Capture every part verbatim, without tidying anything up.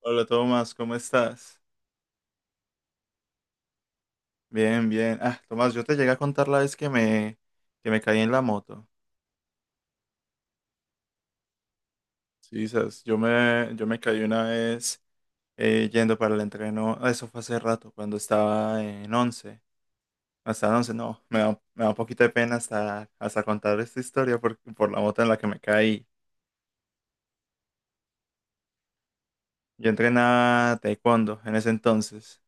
Hola Tomás, ¿cómo estás? Bien, bien. Ah, Tomás, yo te llegué a contar la vez que me, que me caí en la moto. Sí, sabes, yo me, yo me caí una vez eh, yendo para el entreno. Ah, eso fue hace rato, cuando estaba en once. Hasta en once, no. Me da, me da un poquito de pena hasta, hasta contar esta historia por, por la moto en la que me caí. Yo entrenaba taekwondo en ese entonces.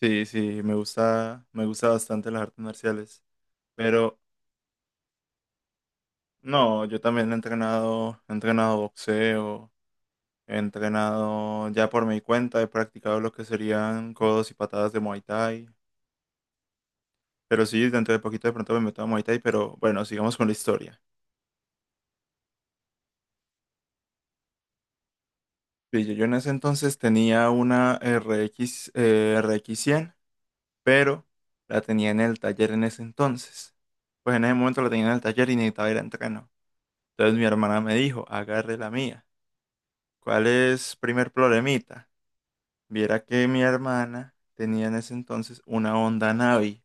Sí, sí, me gusta, me gusta bastante las artes marciales. Pero no, yo también he entrenado, he entrenado boxeo, he entrenado ya por mi cuenta, he practicado lo que serían codos y patadas de Muay Thai. Pero sí, dentro de poquito de pronto me meto a Muay Thai, pero bueno, sigamos con la historia. Sí, Yo yo en ese entonces tenía una R X, eh, R X cien, pero la tenía en el taller en ese entonces. Pues en ese momento la tenía en el taller y necesitaba ir a entreno. Entonces mi hermana me dijo, agarre la mía. ¿Cuál es primer problemita? Viera que mi hermana tenía en ese entonces una Honda Navi.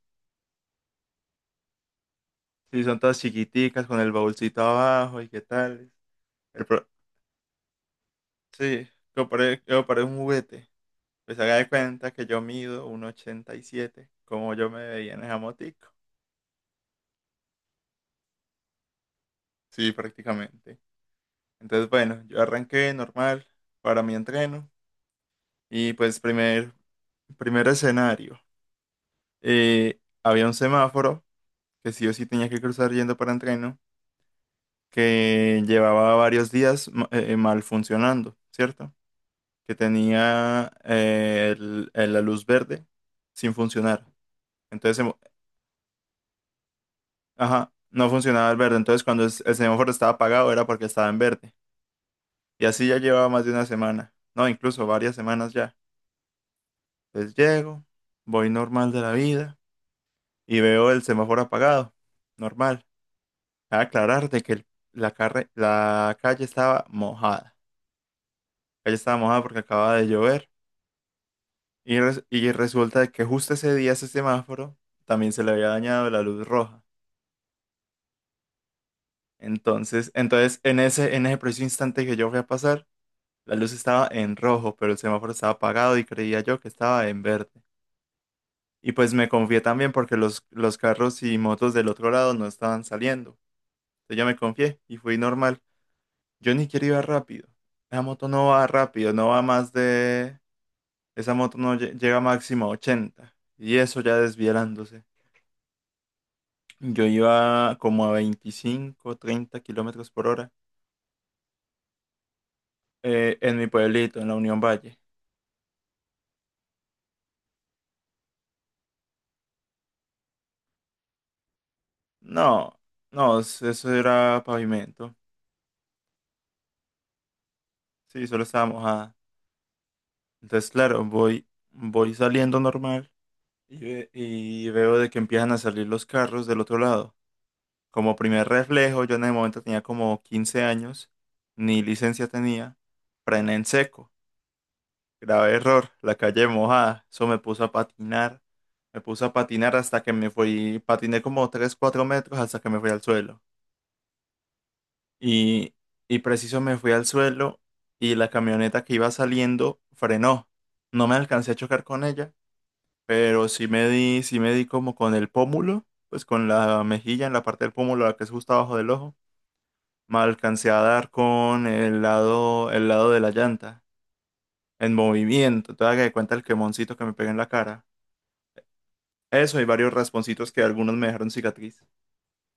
Sí, son todas chiquiticas con el baúlcito abajo y qué tal. El pro- Sí, yo paré, yo paré un juguete. Pues haga de cuenta que yo mido uno ochenta y siete. Como yo me veía en esa motico. Sí, prácticamente. Entonces, bueno, yo arranqué normal para mi entreno. Y pues primer, primer escenario. eh, había un semáforo que sí o sí tenía que cruzar yendo para entreno. Que llevaba varios días ma- eh, eh, mal funcionando, ¿cierto? Que tenía eh, el- el- la luz verde sin funcionar. Entonces, em- ajá, no funcionaba el verde. Entonces, cuando es- el semáforo estaba apagado era porque estaba en verde. Y así ya llevaba más de una semana, no, incluso varias semanas ya. Entonces llego, voy normal de la vida y veo el semáforo apagado, normal. A aclarar de que el- la, carre- la calle estaba mojada. La calle estaba mojada porque acababa de llover. Y res- y resulta que justo ese día ese semáforo también se le había dañado la luz roja. Entonces, entonces en ese, en ese preciso instante que yo fui a pasar, la luz estaba en rojo, pero el semáforo estaba apagado y creía yo que estaba en verde. Y pues me confié también porque los, los carros y motos del otro lado no estaban saliendo. Entonces yo me confié y fui normal. Yo ni quiero ir rápido. Esa moto no va rápido, no va más de... Esa moto no lle- llega máximo a ochenta. Y eso ya desviándose. Yo iba como a veinticinco treinta kilómetros por hora. Eh, en mi pueblito, en la Unión Valle. No, no, es- eso era pavimento. Sí, solo estaba mojada. Entonces, claro, voy, voy saliendo normal y, ve- y veo de que empiezan a salir los carros del otro lado. Como primer reflejo, yo en el momento tenía como quince años, ni licencia tenía, frené en seco. Grave error, la calle mojada. Eso me puso a patinar. Me puse a patinar hasta que me fui, patiné como tres, cuatro metros hasta que me fui al suelo. Y, y preciso me fui al suelo y la camioneta que iba saliendo frenó. No me alcancé a chocar con ella, pero sí me di, sí me di como con el pómulo, pues con la mejilla en la parte del pómulo, la que es justo abajo del ojo. Me alcancé a dar con el lado, el lado de la llanta, en movimiento. Te das cuenta el quemoncito que me pegué en la cara. Eso, hay varios rasponcitos que algunos me dejaron cicatriz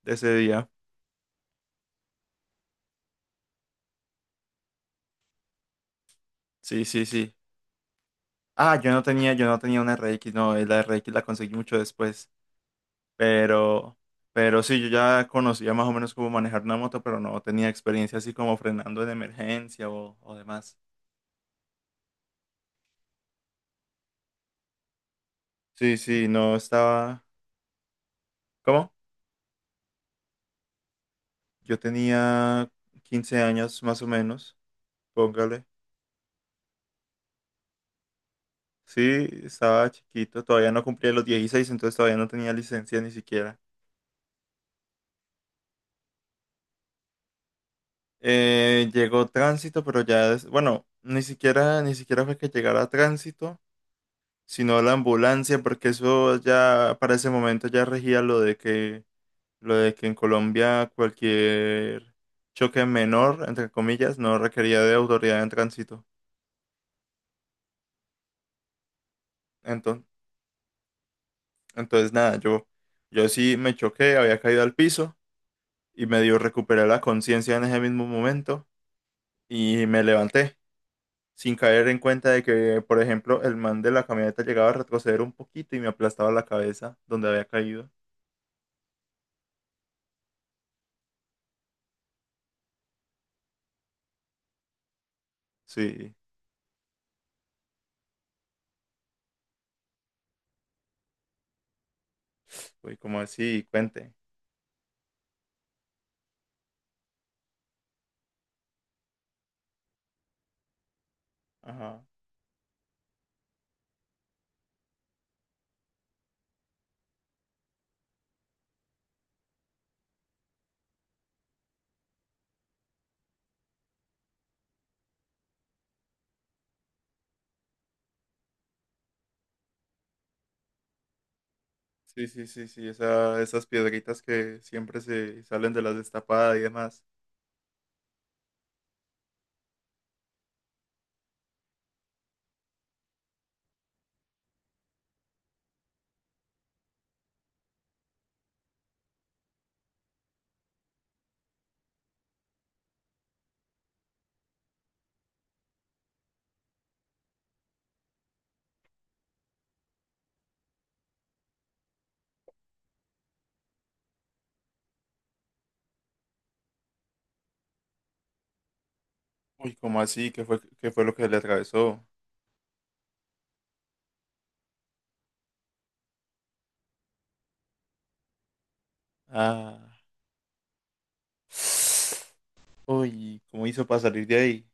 de ese día. Sí, sí, sí. Ah, yo no tenía, yo no tenía una R X, no, eh, la R X la conseguí mucho después. Pero, pero sí, yo ya conocía más o menos cómo manejar una moto, pero no tenía experiencia así como frenando en emergencia o, o demás. Sí, sí, no estaba. ¿Cómo? Yo tenía quince años más o menos, póngale. Sí, estaba chiquito, todavía no cumplía los dieciséis, entonces todavía no tenía licencia ni siquiera. Eh, llegó tránsito, pero ya es, bueno, ni siquiera, ni siquiera fue que llegara tránsito, sino la ambulancia, porque eso ya para ese momento ya regía lo de que, lo de que en Colombia cualquier choque menor, entre comillas, no requería de autoridad en tránsito. Entonces, entonces nada, yo, yo sí me choqué, había caído al piso y medio recuperé la conciencia en ese mismo momento y me levanté. Sin caer en cuenta de que, por ejemplo, el man de la camioneta llegaba a retroceder un poquito y me aplastaba la cabeza donde había caído. Sí, fue como así, cuente. Ajá. Sí, sí, sí, sí, esa- esas piedritas que siempre se salen de las destapadas y demás. Uy, ¿cómo así? ¿Qué fue, ¿qué fue lo que le atravesó? Ah. Uy, ¿cómo hizo para salir de ahí?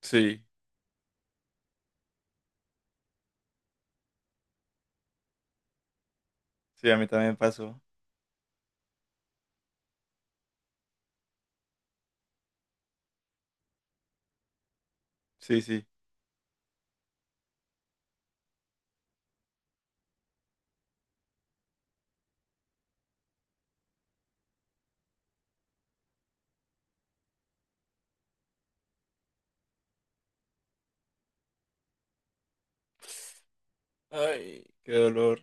Sí, sí, a mí también pasó. Sí, sí. Ay, qué dolor.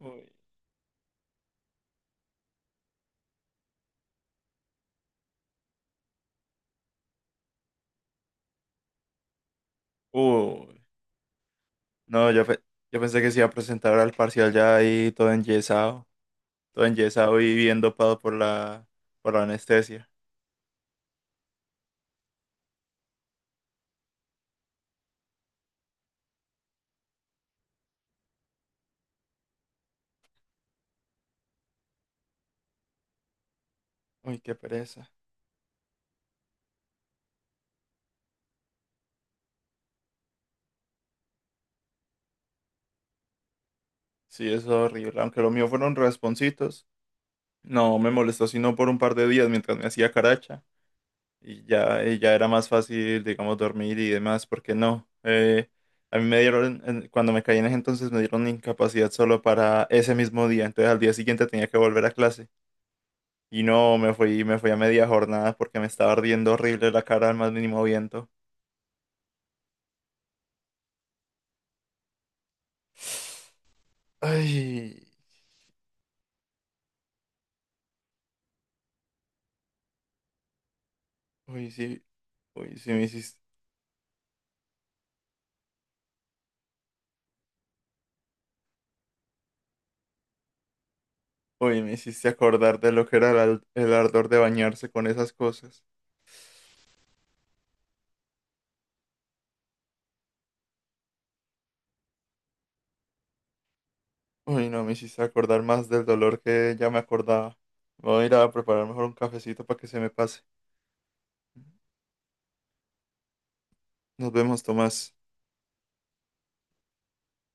Uy. Uy. No, yo, pe- yo pensé que se iba a presentar al parcial ya ahí todo enyesado, todo enyesado y bien dopado por la, por la anestesia. Uy, qué pereza. Sí, eso es horrible. Aunque lo mío fueron rasponcitos, no me molestó sino por un par de días mientras me hacía caracha. Y ya, y ya era más fácil, digamos, dormir y demás, porque no. Eh, a mí me dieron, en- cuando me caí en ese entonces me dieron incapacidad solo para ese mismo día. Entonces al día siguiente tenía que volver a clase. Y no, me fui, me fui a media jornada porque me estaba ardiendo horrible la cara al más mínimo viento. Ay, uy, sí, uy, sí me hiciste, uy, me hiciste acordar de lo que era el, al- el ardor de bañarse con esas cosas. Uy, no, me hiciste acordar más del dolor que ya me acordaba. Voy a ir a preparar mejor un cafecito para que se me pase. Nos vemos, Tomás.